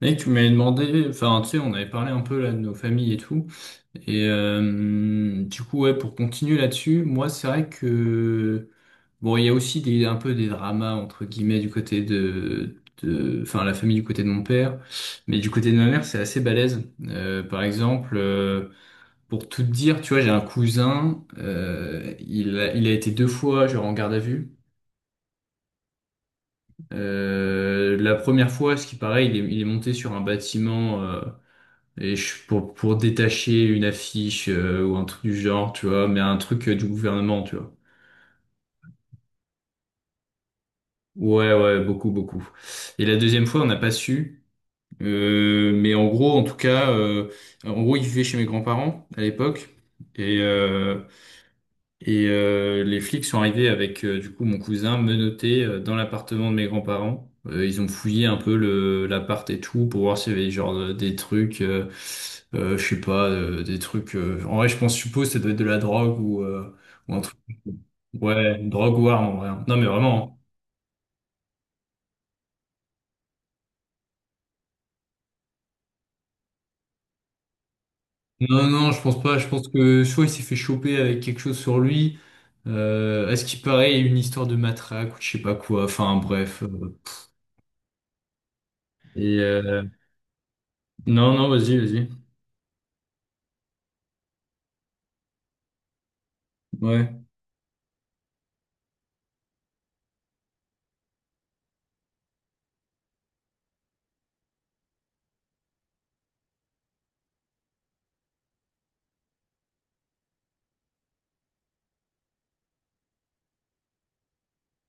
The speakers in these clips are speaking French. Mec, tu m'avais demandé, enfin, tu sais, on avait parlé un peu là de nos familles et tout. Et du coup, ouais, pour continuer là-dessus, moi, c'est vrai que bon, il y a aussi des, un peu des dramas entre guillemets du côté de, enfin, la famille du côté de mon père, mais du côté de ma mère, c'est assez balèze. Par exemple, pour tout te dire, tu vois, j'ai un cousin, il a été deux fois genre en garde à vue. La première fois, ce qui paraît, il est monté sur un bâtiment. Pour détacher une affiche ou un truc du genre, tu vois, mais un truc du gouvernement, tu vois. Ouais, ouais, beaucoup, beaucoup. Et la deuxième fois, on n'a pas su. Mais en gros, en tout cas, en gros, il vivait chez mes grands-parents à l'époque. Et, euh, Et les flics sont arrivés avec du coup mon cousin menotté dans l'appartement de mes grands-parents. Ils ont fouillé un peu le l'appart et tout pour voir s'il y avait genre des trucs, je sais pas, des trucs. En vrai, je pense, je suppose, que ça doit être de la drogue ou un truc. Ouais, une drogue ou arme en vrai. Hein. Non mais vraiment. Hein. Non non, je pense pas. Je pense que soit il s'est fait choper avec quelque chose sur lui. À ce qu'il paraît, il y a eu une histoire de matraque ou je sais pas quoi. Enfin bref. Et non non, vas-y vas-y. Ouais,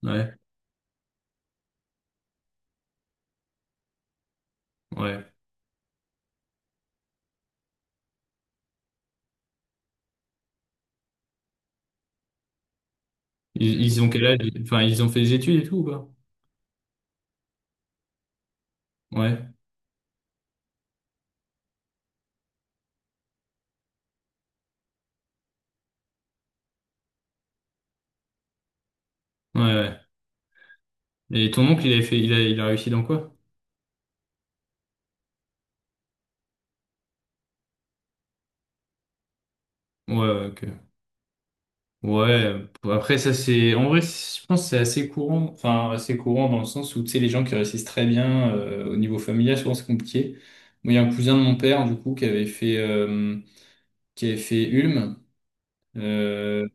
ouais, ouais. Ils ont quel âge? Enfin, ils ont fait des études et tout, ou pas? Ouais, ouais, ouais. Et ton oncle, il a fait, il a réussi dans quoi? Ouais, ouais, ok. Ouais, après, ça, c'est, en vrai, c'est- je pense que c'est assez courant, enfin, assez courant dans le sens où, tu sais, les gens qui réussissent très bien, au niveau familial, souvent, c'est compliqué. Moi, il y a un cousin de mon père, du coup, qui avait fait Ulm. euh,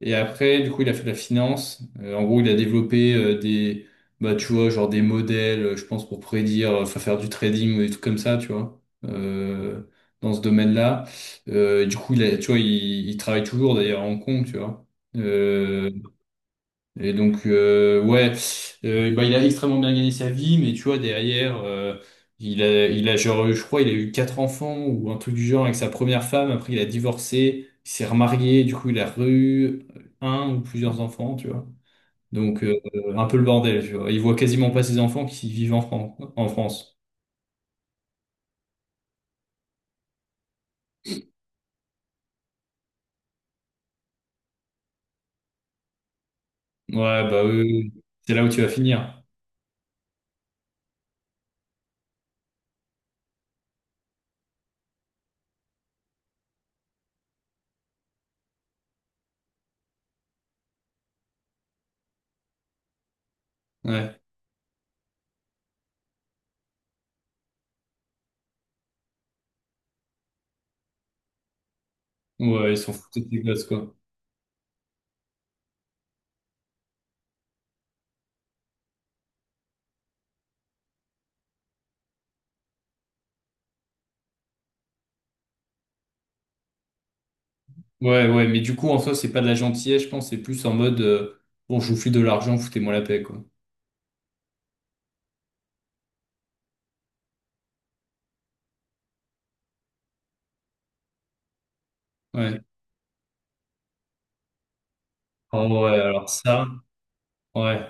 Et après, du coup, il a fait de la finance. En gros, il a développé bah, tu vois, genre des modèles, je pense, pour prédire, enfin, faire du trading ou des trucs comme ça, tu vois, dans ce domaine-là. Du coup, tu vois, il travaille toujours d'ailleurs à Hong Kong, tu vois. Euh, et donc, ouais, bah, il a extrêmement bien gagné sa vie, mais tu vois, derrière, genre, je crois, il a eu quatre enfants ou un truc du genre avec sa première femme. Après, il a divorcé, il s'est remarié, du coup, il a eu un ou plusieurs enfants, tu vois. Donc, un peu le bordel, tu vois. Il voit quasiment pas ses enfants qui vivent en France, en France. Ouais, bah, eux, c'est là où tu vas finir. Ouais, ouais, ils sont foutus de tes gosses, quoi. Ouais, ouais, mais du coup, en soi, c'est pas de la gentillesse, je pense, c'est plus en mode, bon, je vous file de l'argent, foutez-moi la paix, quoi. Ouais. Oh, ouais, alors ça, ouais,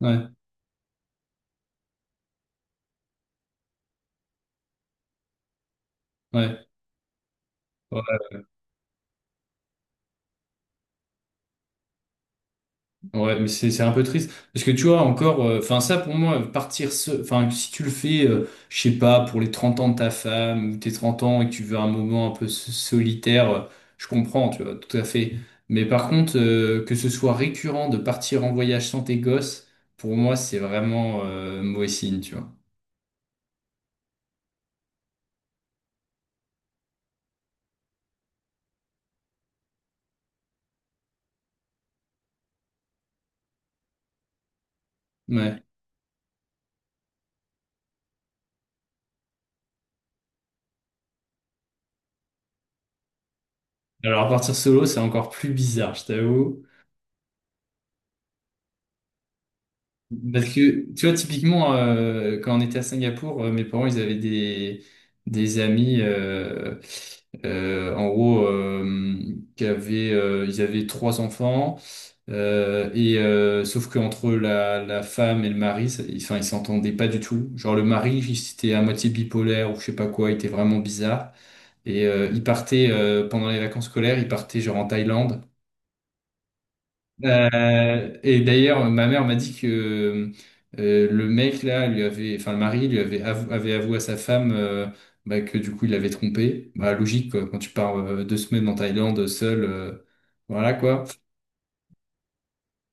ouais, ouais, ouais, ouais, mais c'est un peu triste. Parce que tu vois, encore, enfin, ça, pour moi, partir seul, enfin, si tu le fais, je sais pas, pour les 30 ans de ta femme, ou tes 30 ans, et que tu veux un moment un peu solitaire, je comprends, tu vois, tout à fait. Mais par contre, que ce soit récurrent de partir en voyage sans tes gosses, pour moi, c'est vraiment, mauvais signe, tu vois. Ouais. Alors, partir solo, c'est encore plus bizarre, je t'avoue. Parce que, tu vois, typiquement, quand on était à Singapour, mes parents, ils avaient des amis, en gros, ils avaient trois enfants, et sauf qu'entre la femme et le mari, enfin, ils s'entendaient pas du tout. Genre, le mari, il était à moitié bipolaire ou je sais pas quoi, il était vraiment bizarre. Et il partait, pendant les vacances scolaires, il partait genre en Thaïlande. Et d'ailleurs, ma mère m'a dit que le mec là lui avait, enfin le mari lui avait avoué à sa femme bah, que du coup il l'avait trompé. Bah logique quoi, quand tu pars 2 semaines en Thaïlande seul, voilà quoi.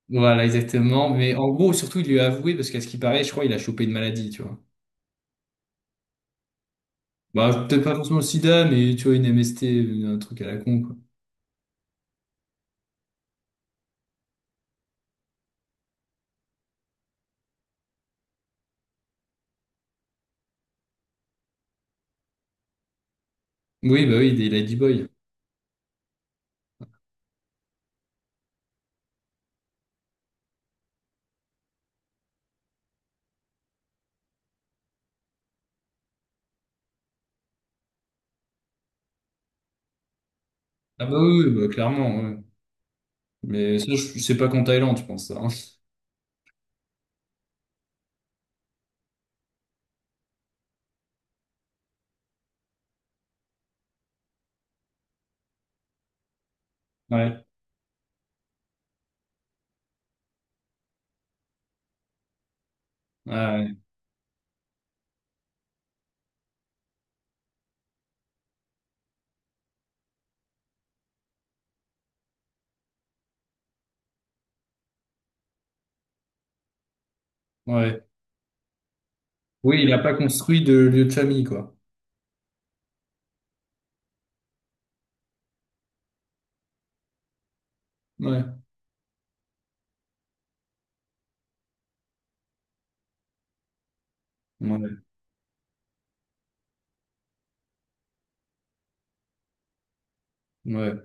Voilà exactement. Mais en gros, surtout il lui a avoué parce qu'à ce qui paraît, je crois il a chopé une maladie, tu vois. Bah peut-être pas forcément le sida, mais tu vois une MST, un truc à la con quoi. Oui bah oui, des ladyboys. Ah bah oui, oui, bah, clairement. Ouais. Mais ça, je sais pas qu'en Thaïlande, tu penses ça. Hein. Ouais. Ouais. Ouais. Oui, il n'a pas construit de lieu de famille, quoi. Ouais. Ouais, ouais.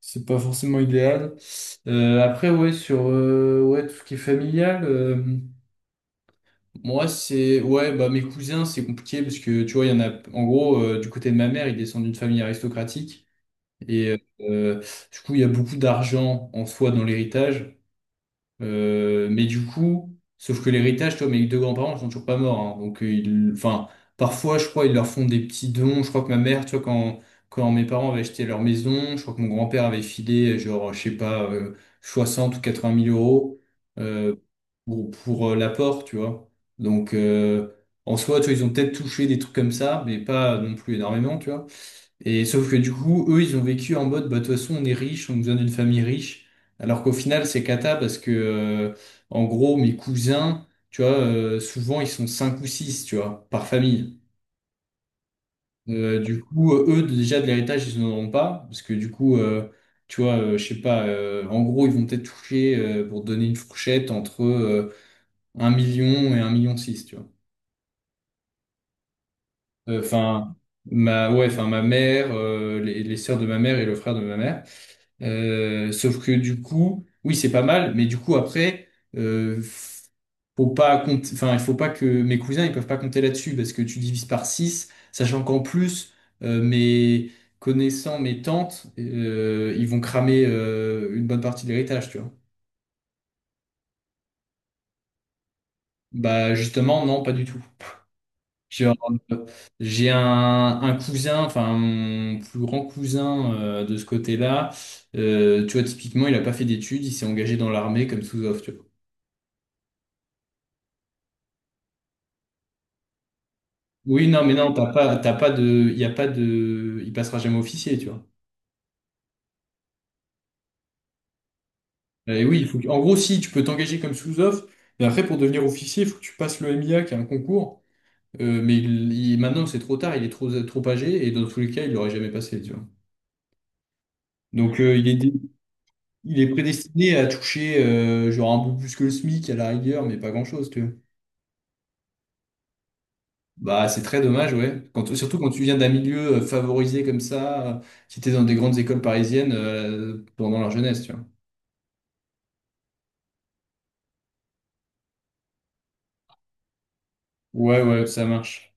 C'est pas forcément idéal. Après, ouais, sur ouais, tout ce qui est familial, moi, c'est. Ouais, bah, mes cousins, c'est compliqué parce que, tu vois, il y en a. En gros, du côté de ma mère, ils descendent d'une famille aristocratique. Et du coup, il y a beaucoup d'argent en soi dans l'héritage. Mais du coup, sauf que l'héritage, toi, mes deux grands-parents ils sont toujours pas morts. Hein. Donc, enfin, parfois, je crois, ils leur font des petits dons. Je crois que ma mère, tu vois, quand mes parents avaient acheté leur maison, je crois que mon grand-père avait filé, genre, je sais pas, 60 ou 80 mille euros euh, pour l'apport, tu vois. Donc, en soi, tu vois, ils ont peut-être touché des trucs comme ça, mais pas non plus énormément, tu vois. Et sauf que du coup, eux, ils ont vécu en mode, bah, de toute façon, on est riche, on nous donne une famille riche. Alors qu'au final, c'est cata parce que, en gros, mes cousins, tu vois, souvent, ils sont cinq ou six, tu vois, par famille. Du coup, eux, déjà, de l'héritage, ils n'en auront pas. Parce que du coup, tu vois, je sais pas, en gros, ils vont peut-être toucher, pour donner une fourchette, entre 1 million et un million six, tu vois. Enfin, ouais, enfin, ma mère, les sœurs de ma mère et le frère de ma mère. Sauf que du coup, oui, c'est pas mal, mais du coup après, euh, faut pas compter, enfin, il faut pas que mes cousins ils peuvent pas compter là-dessus parce que tu divises par 6 sachant qu'en plus, mes connaissants, mes tantes, ils vont cramer une bonne partie de l'héritage, tu vois. Bah justement, non, pas du tout. Genre, euh, j'ai un cousin, enfin mon plus grand cousin de ce côté-là, tu vois, typiquement, il a pas fait d'études, il s'est engagé dans l'armée comme sous-off, tu vois. Oui, non, mais non, t'as pas de, il passera jamais officier, tu vois. Et oui, en gros, si tu peux t'engager comme sous-off, mais après pour devenir officier, il faut que tu passes le MIA, qui est un concours. Mais maintenant, c'est trop tard, il est trop, trop âgé et dans tous les cas, il l'aurait jamais passé, tu vois. Donc il est prédestiné à toucher genre un peu plus que le SMIC à la rigueur, mais pas grand-chose, tu vois. Bah, c'est très dommage, ouais. Surtout quand tu viens d'un milieu favorisé comme ça, qui était dans des grandes écoles parisiennes pendant leur jeunesse, tu vois. Ouais, ouais, ça marche.